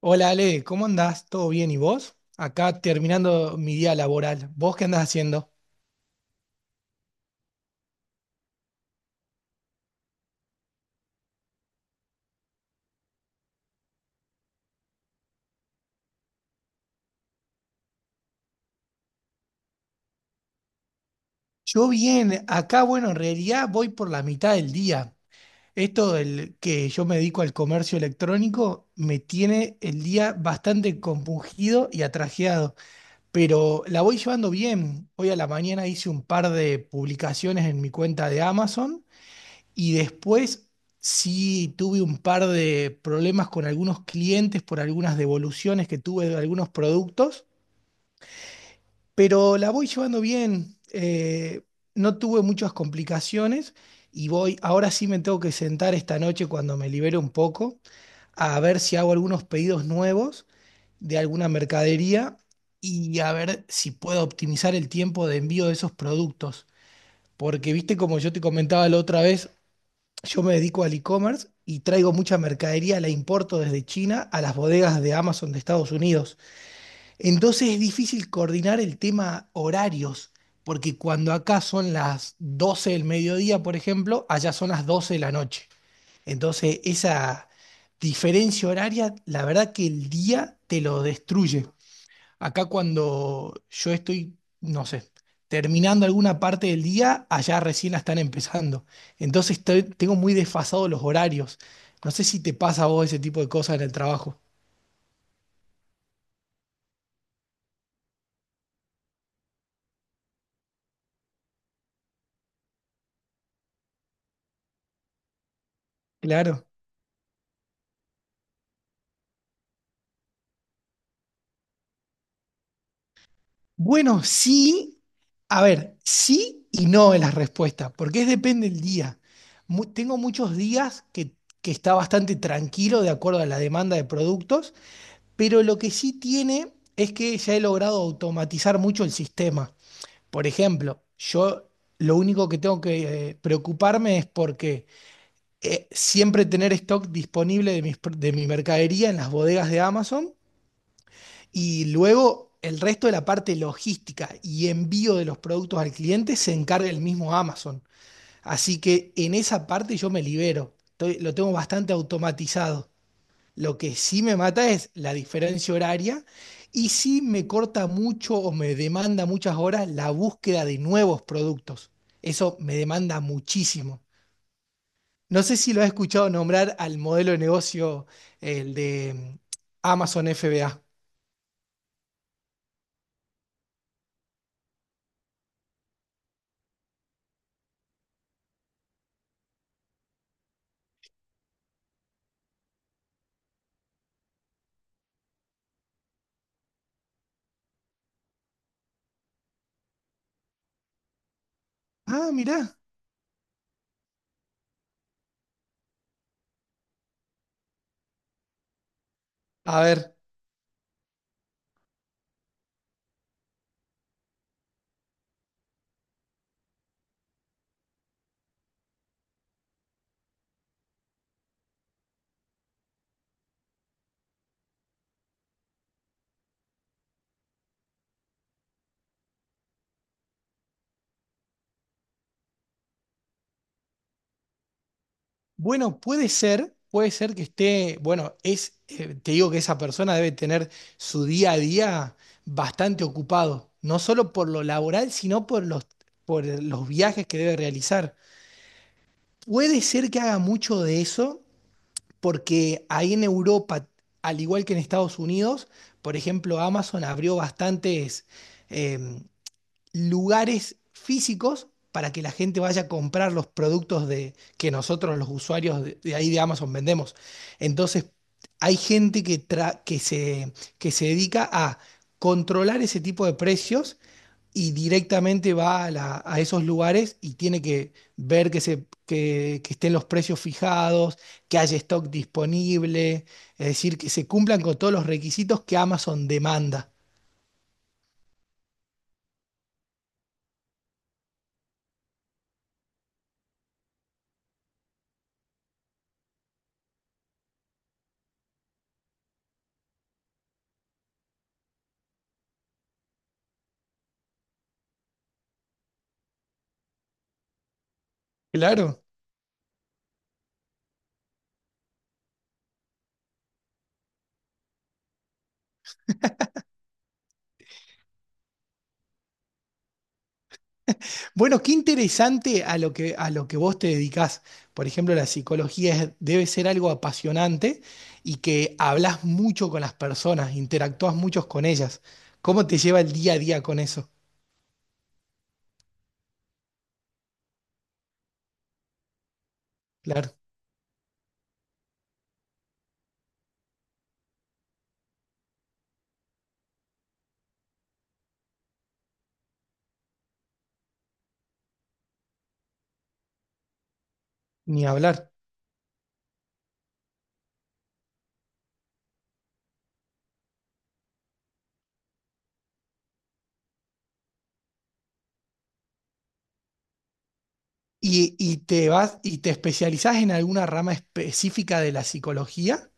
Hola Ale, ¿cómo andás? ¿Todo bien? ¿Y vos? Acá terminando mi día laboral. ¿Vos qué andás haciendo? Yo bien, acá bueno, en realidad voy por la mitad del día. Esto del que yo me dedico al comercio electrónico me tiene el día bastante compungido y atrajeado, pero la voy llevando bien. Hoy a la mañana hice un par de publicaciones en mi cuenta de Amazon. Y después sí tuve un par de problemas con algunos clientes por algunas devoluciones que tuve de algunos productos, pero la voy llevando bien. No tuve muchas complicaciones y voy, ahora sí me tengo que sentar esta noche cuando me libere un poco a ver si hago algunos pedidos nuevos de alguna mercadería y a ver si puedo optimizar el tiempo de envío de esos productos. Porque viste, como yo te comentaba la otra vez, yo me dedico al e-commerce y traigo mucha mercadería, la importo desde China a las bodegas de Amazon de Estados Unidos. Entonces es difícil coordinar el tema horarios, porque cuando acá son las 12 del mediodía, por ejemplo, allá son las 12 de la noche. Entonces esa diferencia horaria, la verdad que el día te lo destruye. Acá cuando yo estoy, no sé, terminando alguna parte del día, allá recién la están empezando. Entonces tengo muy desfasados los horarios. No sé si te pasa a vos ese tipo de cosas en el trabajo. Claro. Bueno, sí. A ver, sí y no es la respuesta, porque es depende del día. Tengo muchos días que está bastante tranquilo de acuerdo a la demanda de productos, pero lo que sí tiene es que ya he logrado automatizar mucho el sistema. Por ejemplo, yo lo único que tengo que preocuparme es porque siempre tener stock disponible mis de mi mercadería en las bodegas de Amazon y luego el resto de la parte logística y envío de los productos al cliente se encarga el mismo Amazon. Así que en esa parte yo me libero. Lo tengo bastante automatizado. Lo que sí me mata es la diferencia horaria y sí me corta mucho o me demanda muchas horas la búsqueda de nuevos productos. Eso me demanda muchísimo. No sé si lo has escuchado nombrar al modelo de negocio, el de Amazon FBA. Ah, mirá. A ver. Bueno, puede ser que esté, bueno, te digo que esa persona debe tener su día a día bastante ocupado, no solo por lo laboral, sino por por los viajes que debe realizar. Puede ser que haga mucho de eso, porque ahí en Europa, al igual que en Estados Unidos, por ejemplo, Amazon abrió bastantes, em, lugares físicos para que la gente vaya a comprar los productos que nosotros los usuarios de ahí de Amazon vendemos. Entonces, hay gente que que se dedica a controlar ese tipo de precios y directamente va a esos lugares y tiene que ver que estén los precios fijados, que haya stock disponible, es decir, que se cumplan con todos los requisitos que Amazon demanda. Claro. Bueno, qué interesante a lo que vos te dedicás. Por ejemplo, la psicología debe ser algo apasionante y que hablas mucho con las personas, interactúas mucho con ellas. ¿Cómo te lleva el día a día con eso? Claro, ni hablar. Y te vas y te especializás en alguna rama específica de la psicología?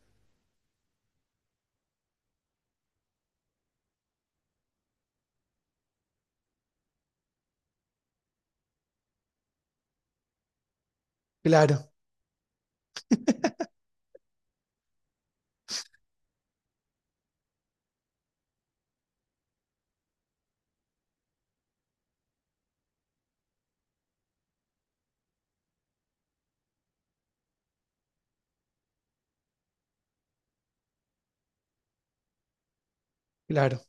Claro, claro.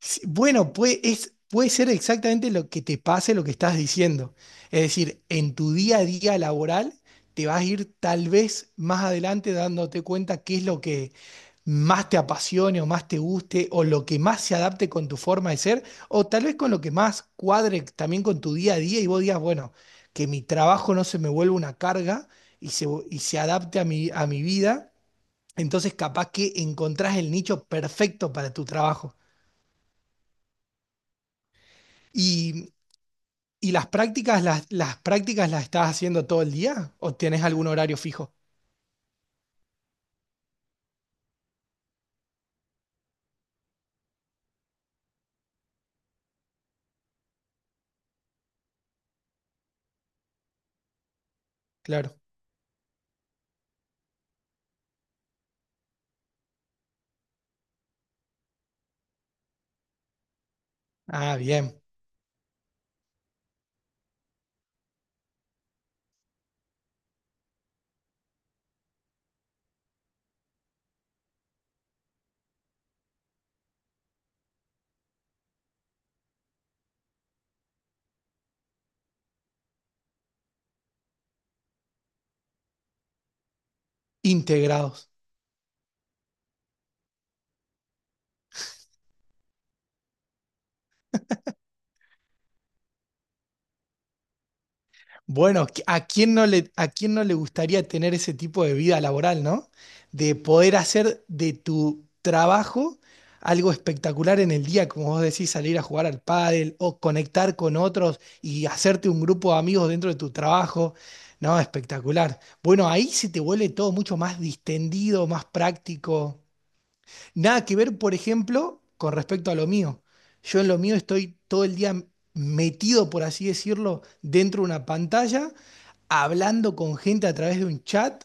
Sí, bueno, puede ser exactamente lo que te pase, lo que estás diciendo. Es decir, en tu día a día laboral te vas a ir tal vez más adelante dándote cuenta qué es lo que más te apasione o más te guste o lo que más se adapte con tu forma de ser o tal vez con lo que más cuadre también con tu día a día y vos digas, bueno, que mi trabajo no se me vuelva una carga y se adapte a a mi vida. Entonces capaz que encontrás el nicho perfecto para tu trabajo. ¿Y las prácticas las prácticas las estás haciendo todo el día o tienes algún horario fijo? Claro. Ah, bien. Integrados. Bueno, ¿a quién no a quién no le gustaría tener ese tipo de vida laboral, ¿no? De poder hacer de tu trabajo algo espectacular en el día, como vos decís, salir a jugar al pádel o conectar con otros y hacerte un grupo de amigos dentro de tu trabajo. No, espectacular. Bueno, ahí se te vuelve todo mucho más distendido, más práctico. Nada que ver, por ejemplo, con respecto a lo mío. Yo en lo mío estoy todo el día metido, por así decirlo, dentro de una pantalla, hablando con gente a través de un chat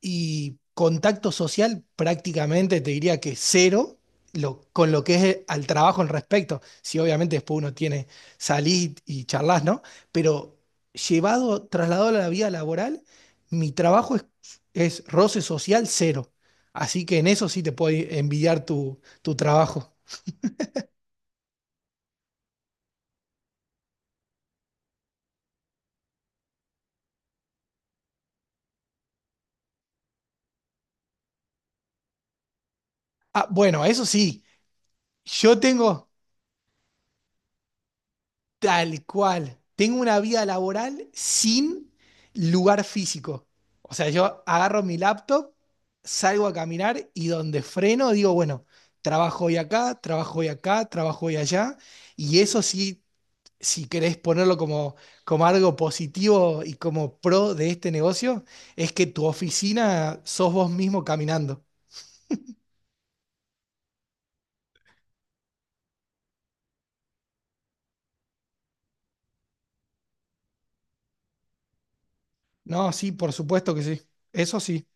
y contacto social prácticamente te diría que cero con lo que es al trabajo en respecto. Si obviamente después uno tiene salir y charlas, ¿no? Pero llevado, trasladado a la vida laboral, mi trabajo es roce social cero. Así que en eso sí te puedo envidiar tu trabajo. Ah, bueno, eso sí, yo tengo tal cual, tengo una vida laboral sin lugar físico. O sea, yo agarro mi laptop, salgo a caminar y donde freno digo, bueno, trabajo hoy acá, trabajo hoy acá, trabajo hoy allá. Y eso sí, si querés ponerlo como, como algo positivo y como pro de este negocio, es que tu oficina sos vos mismo caminando. No, sí, por supuesto que sí. Eso sí.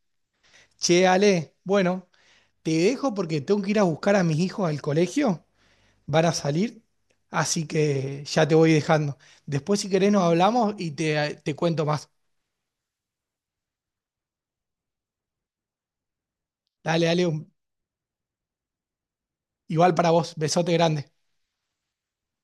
Che, Ale, bueno, te dejo porque tengo que ir a buscar a mis hijos al colegio. Van a salir, así que ya te voy dejando. Después, si querés, nos hablamos y te cuento más. Dale, dale, un- igual para vos. Besote grande.